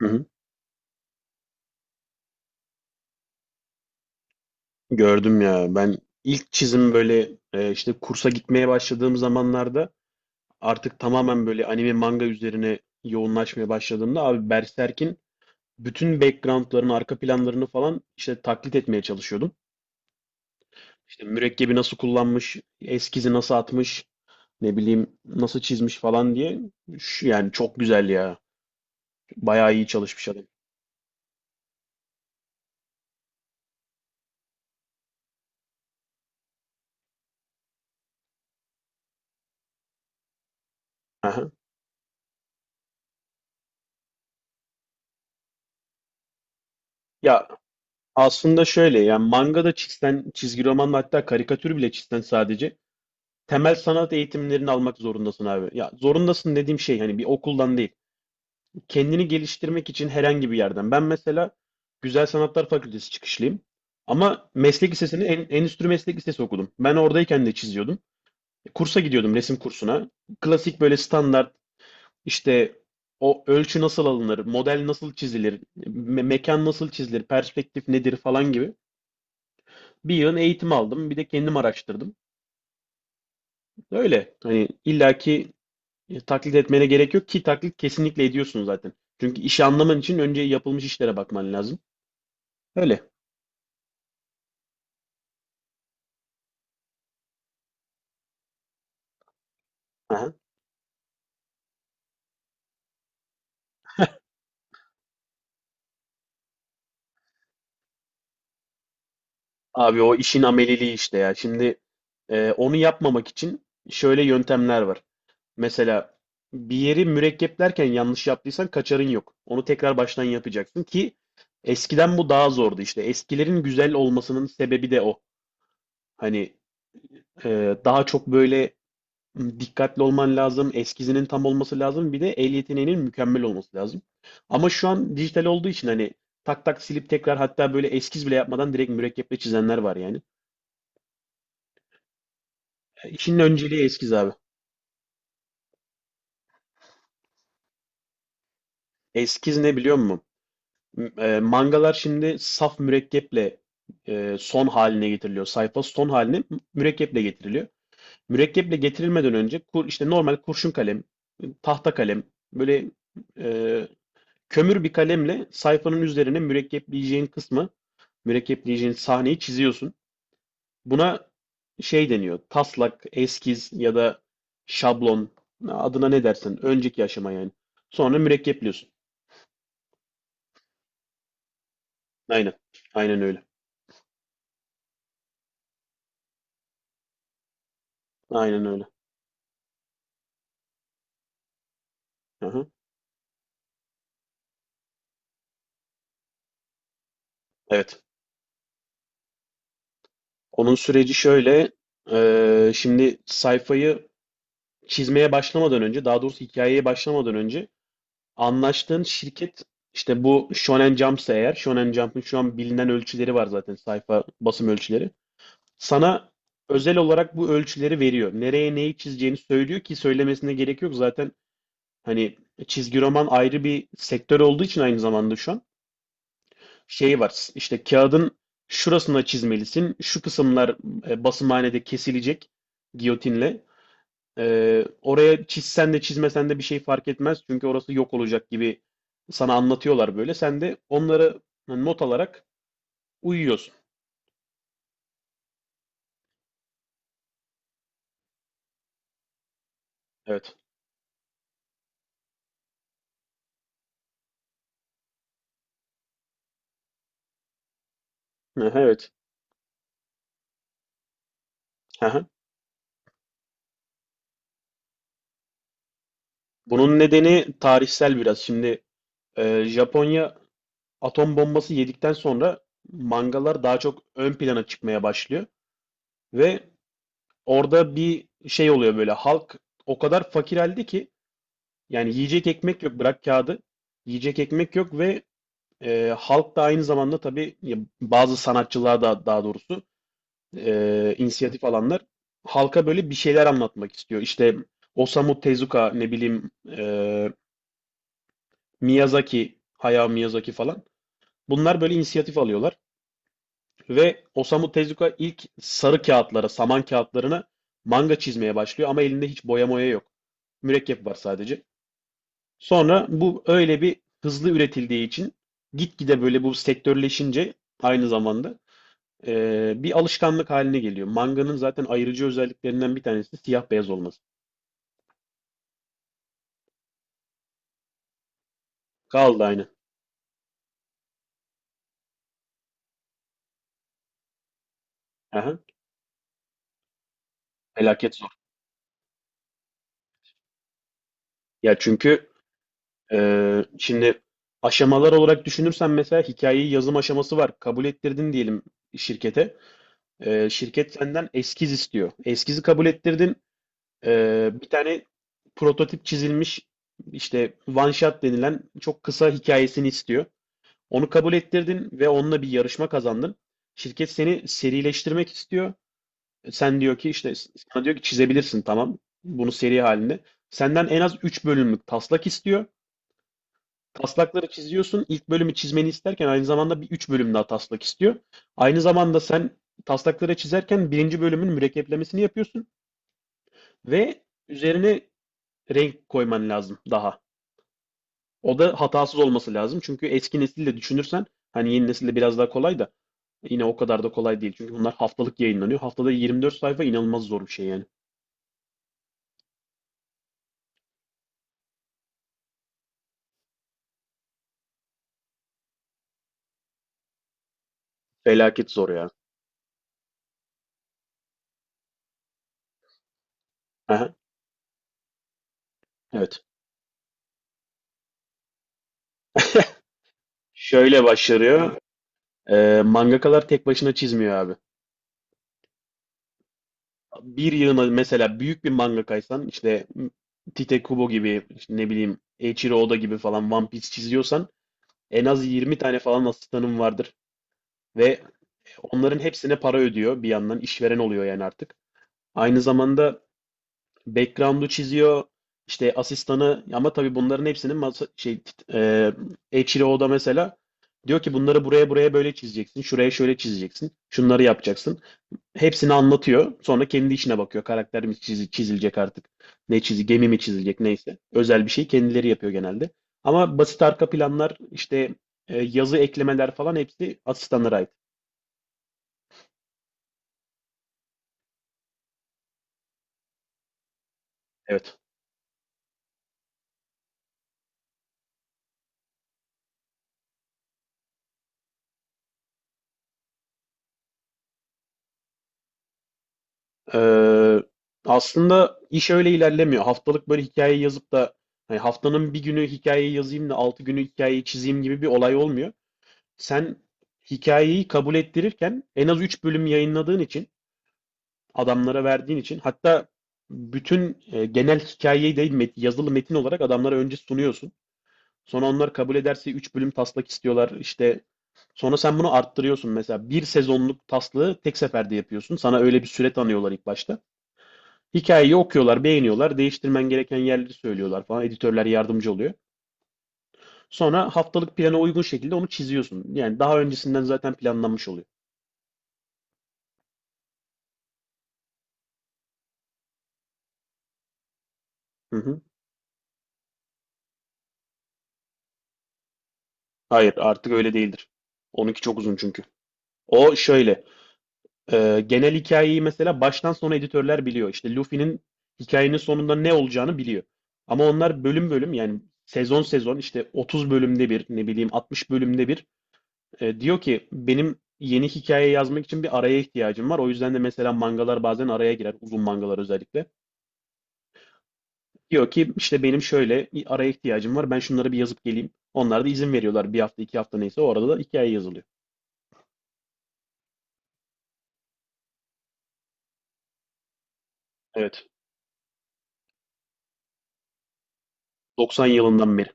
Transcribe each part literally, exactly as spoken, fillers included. Hı hı. Gördüm ya. Ben ilk çizim böyle e, işte kursa gitmeye başladığım zamanlarda artık tamamen böyle anime manga üzerine yoğunlaşmaya başladığımda abi Berserk'in bütün background'larını, arka planlarını falan işte taklit etmeye çalışıyordum. İşte mürekkebi nasıl kullanmış, eskizi nasıl atmış, ne bileyim nasıl çizmiş falan diye. Şu- Yani çok güzel ya. Bayağı iyi çalışmış adam. Aha. Ya aslında şöyle yani manga da çizsen, çizgi romanla hatta karikatür bile çizsen sadece temel sanat eğitimlerini almak zorundasın abi. Ya zorundasın dediğim şey hani bir okuldan değil. Kendini geliştirmek için herhangi bir yerden. Ben mesela Güzel Sanatlar Fakültesi çıkışlıyım. Ama meslek lisesini en, endüstri meslek lisesi okudum. Ben oradayken de çiziyordum. E, Kursa gidiyordum resim kursuna. Klasik böyle standart işte o ölçü nasıl alınır, model nasıl çizilir, me- mekan nasıl çizilir, perspektif nedir falan gibi bir yığın eğitim aldım. Bir de kendim araştırdım. Öyle. Hani illaki E, taklit etmene gerek yok ki taklit kesinlikle ediyorsun zaten. Çünkü işi anlaman için önce yapılmış işlere bakman lazım. Öyle. Aha. Abi o işin ameliliği işte ya. Şimdi e, onu yapmamak için şöyle yöntemler var. Mesela bir yeri mürekkeplerken yanlış yaptıysan kaçarın yok. Onu tekrar baştan yapacaksın ki eskiden bu daha zordu işte. Eskilerin güzel olmasının sebebi de o. Hani e, daha çok böyle dikkatli olman lazım, eskizinin tam olması lazım, bir de el yeteneğinin mükemmel olması lazım. Ama şu an dijital olduğu için hani tak tak silip tekrar hatta böyle eskiz bile yapmadan direkt mürekkeple çizenler var yani. E, İşin önceliği eskiz abi. Eskiz ne biliyor musun? M- e, mangalar şimdi saf mürekkeple e, son haline getiriliyor. Sayfa son haline mürekkeple getiriliyor. Mürekkeple getirilmeden önce kur, işte normal kurşun kalem, tahta kalem böyle e, kömür bir kalemle sayfanın üzerine mürekkepleyeceğin kısmı, mürekkepleyeceğin sahneyi çiziyorsun. Buna şey deniyor, taslak, eskiz ya da şablon, adına ne dersen, önceki aşama yani. Sonra mürekkepliyorsun. Aynen, aynen öyle. Aynen öyle. Aha. Evet. Onun süreci şöyle, eee, şimdi sayfayı çizmeye başlamadan önce, daha doğrusu hikayeye başlamadan önce anlaştığın şirket işte bu Shonen Jump'sa eğer Shonen Jump'ın şu an bilinen ölçüleri var zaten sayfa basım ölçüleri. Sana özel olarak bu ölçüleri veriyor. Nereye neyi çizeceğini söylüyor ki söylemesine gerek yok. Zaten hani çizgi roman ayrı bir sektör olduğu için aynı zamanda şu an şey var. İşte kağıdın şurasına çizmelisin. Şu kısımlar e, basımhanede kesilecek giyotinle. Ee, oraya çizsen de çizmesen de bir şey fark etmez. Çünkü orası yok olacak gibi sana anlatıyorlar böyle. Sen de onları not alarak uyuyorsun. Evet. Aha, evet. Aha. Bunun nedeni tarihsel biraz. Şimdi e, Japonya atom bombası yedikten sonra mangalar daha çok ön plana çıkmaya başlıyor. Ve orada bir şey oluyor böyle. Halk o kadar fakir halde ki yani yiyecek ekmek yok. Bırak kağıdı. Yiyecek ekmek yok ve E, halk da aynı zamanda tabii ya, bazı sanatçılar da daha doğrusu e, inisiyatif alanlar halka böyle bir şeyler anlatmak istiyor. İşte Osamu Tezuka ne bileyim e, Miyazaki, Hayao Miyazaki falan. Bunlar böyle inisiyatif alıyorlar ve Osamu Tezuka ilk sarı kağıtlara, saman kağıtlarına manga çizmeye başlıyor ama elinde hiç boya moya yok. Mürekkep var sadece. Sonra bu öyle bir hızlı üretildiği için gitgide böyle bu sektörleşince aynı zamanda Ee, bir alışkanlık haline geliyor. Manganın zaten ayrıcı özelliklerinden bir tanesi siyah beyaz olması. Kaldı aynı. Aha, felaket zor. Ya çünkü e, şimdi aşamalar olarak düşünürsen mesela hikayeyi yazım aşaması var. Kabul ettirdin diyelim şirkete. Ee, şirket senden eskiz istiyor. Eskizi kabul ettirdin. Ee, bir tane prototip çizilmiş işte one shot denilen çok kısa hikayesini istiyor. Onu kabul ettirdin ve onunla bir yarışma kazandın. Şirket seni serileştirmek istiyor. Sen diyor ki işte sana diyor ki çizebilirsin tamam. Bunu seri halinde. Senden en az üç bölümlük taslak istiyor. Taslakları çiziyorsun. İlk bölümü çizmeni isterken aynı zamanda bir üç bölüm daha taslak istiyor. Aynı zamanda sen taslakları çizerken birinci bölümün mürekkeplemesini yapıyorsun ve üzerine renk koyman lazım daha. O da hatasız olması lazım. Çünkü eski nesille düşünürsen hani yeni nesilde biraz daha kolay da yine o kadar da kolay değil. Çünkü bunlar haftalık yayınlanıyor. Haftada yirmi dört sayfa inanılmaz zor bir şey yani. Felaket zor ya. Aha, evet. Şöyle başlıyor. Ee, mangakalar tek başına çizmiyor abi. Bir yığına mesela büyük bir mangakaysan işte Tite Kubo gibi işte ne bileyim Eiichiro Oda gibi falan One Piece çiziyorsan en az yirmi tane falan asistanın vardır. Ve onların hepsine para ödüyor bir yandan işveren oluyor yani artık. Aynı zamanda background'u çiziyor. İşte asistanı ama tabii bunların hepsinin masa, şey tit- e, Eiichiro'da mesela diyor ki bunları buraya buraya böyle çizeceksin. Şuraya şöyle çizeceksin. Şunları yapacaksın. Hepsini anlatıyor. Sonra kendi içine bakıyor. Karakter mi çizi- çizilecek artık? Ne çizi, gemi mi çizilecek neyse. Özel bir şey kendileri yapıyor genelde. Ama basit arka planlar işte e, yazı eklemeler falan hepsi asistanlara ait. Evet. Ee, Aslında iş öyle ilerlemiyor. Haftalık böyle hikaye yazıp da hani haftanın bir günü hikayeyi yazayım da altı günü hikayeyi çizeyim gibi bir olay olmuyor. Sen hikayeyi kabul ettirirken en az üç bölüm yayınladığın için, adamlara verdiğin için hatta bütün e, genel hikayeyi değil met- yazılı metin olarak adamlara önce sunuyorsun. Sonra onlar kabul ederse üç bölüm taslak istiyorlar. İşte. Sonra sen bunu arttırıyorsun. Mesela bir sezonluk taslağı tek seferde yapıyorsun. Sana öyle bir süre tanıyorlar ilk başta. Hikayeyi okuyorlar, beğeniyorlar, değiştirmen gereken yerleri söylüyorlar falan. Editörler yardımcı oluyor. Sonra haftalık plana uygun şekilde onu çiziyorsun. Yani daha öncesinden zaten planlanmış oluyor. Hı hı. Hayır, artık öyle değildir. Onunki çok uzun çünkü. O şöyle, e, genel hikayeyi mesela baştan sona editörler biliyor. İşte Luffy'nin hikayenin sonunda ne olacağını biliyor. Ama onlar bölüm bölüm yani sezon sezon işte otuz bölümde bir ne bileyim altmış bölümde bir E, diyor ki benim yeni hikaye yazmak için bir araya ihtiyacım var. O yüzden de mesela mangalar bazen araya girer. Uzun mangalar özellikle. Diyor ki işte benim şöyle bir araya ihtiyacım var. Ben şunları bir yazıp geleyim. Onlar da izin veriyorlar. Bir hafta iki hafta neyse o arada da hikaye yazılıyor. Evet. doksan yılından beri.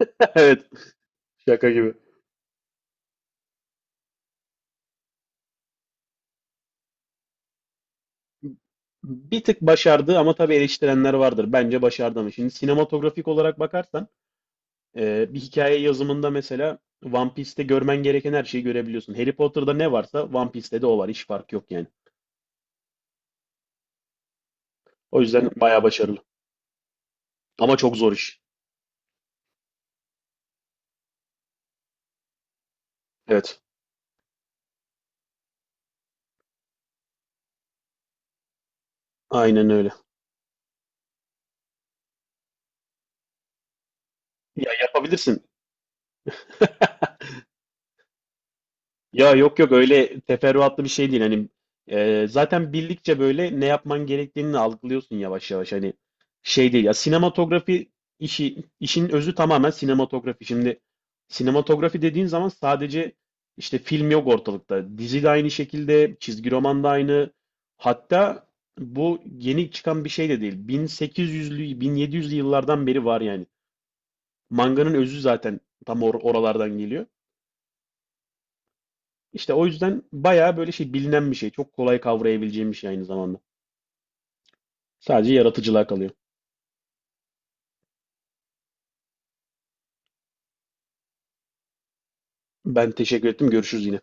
Evet. Şaka gibi. Bir tık başardı ama tabii eleştirenler vardır. Bence başardı ama. Şimdi sinematografik olarak bakarsan e, bir hikaye yazımında mesela One Piece'te görmen gereken her şeyi görebiliyorsun. Harry Potter'da ne varsa One Piece'te de o var. Hiç fark yok yani. O yüzden bayağı başarılı. Ama çok zor iş. Evet. Aynen öyle. Ya yapabilirsin. Ya yok yok öyle teferruatlı bir şey değil. Hani e, zaten bildikçe böyle ne yapman gerektiğini algılıyorsun yavaş yavaş. Hani şey değil ya sinematografi işi işin özü tamamen sinematografi. Şimdi sinematografi dediğin zaman sadece işte film yok ortalıkta. Dizi de aynı şekilde, çizgi roman da aynı. Hatta bu yeni çıkan bir şey de değil. bin sekiz yüzlü bin yedi yüzlü yıllardan beri var yani. Manganın özü zaten tam or- oralardan geliyor. İşte o yüzden bayağı böyle şey bilinen bir şey. Çok kolay kavrayabileceğim bir şey aynı zamanda. Sadece yaratıcılığa kalıyor. Ben teşekkür ettim. Görüşürüz yine.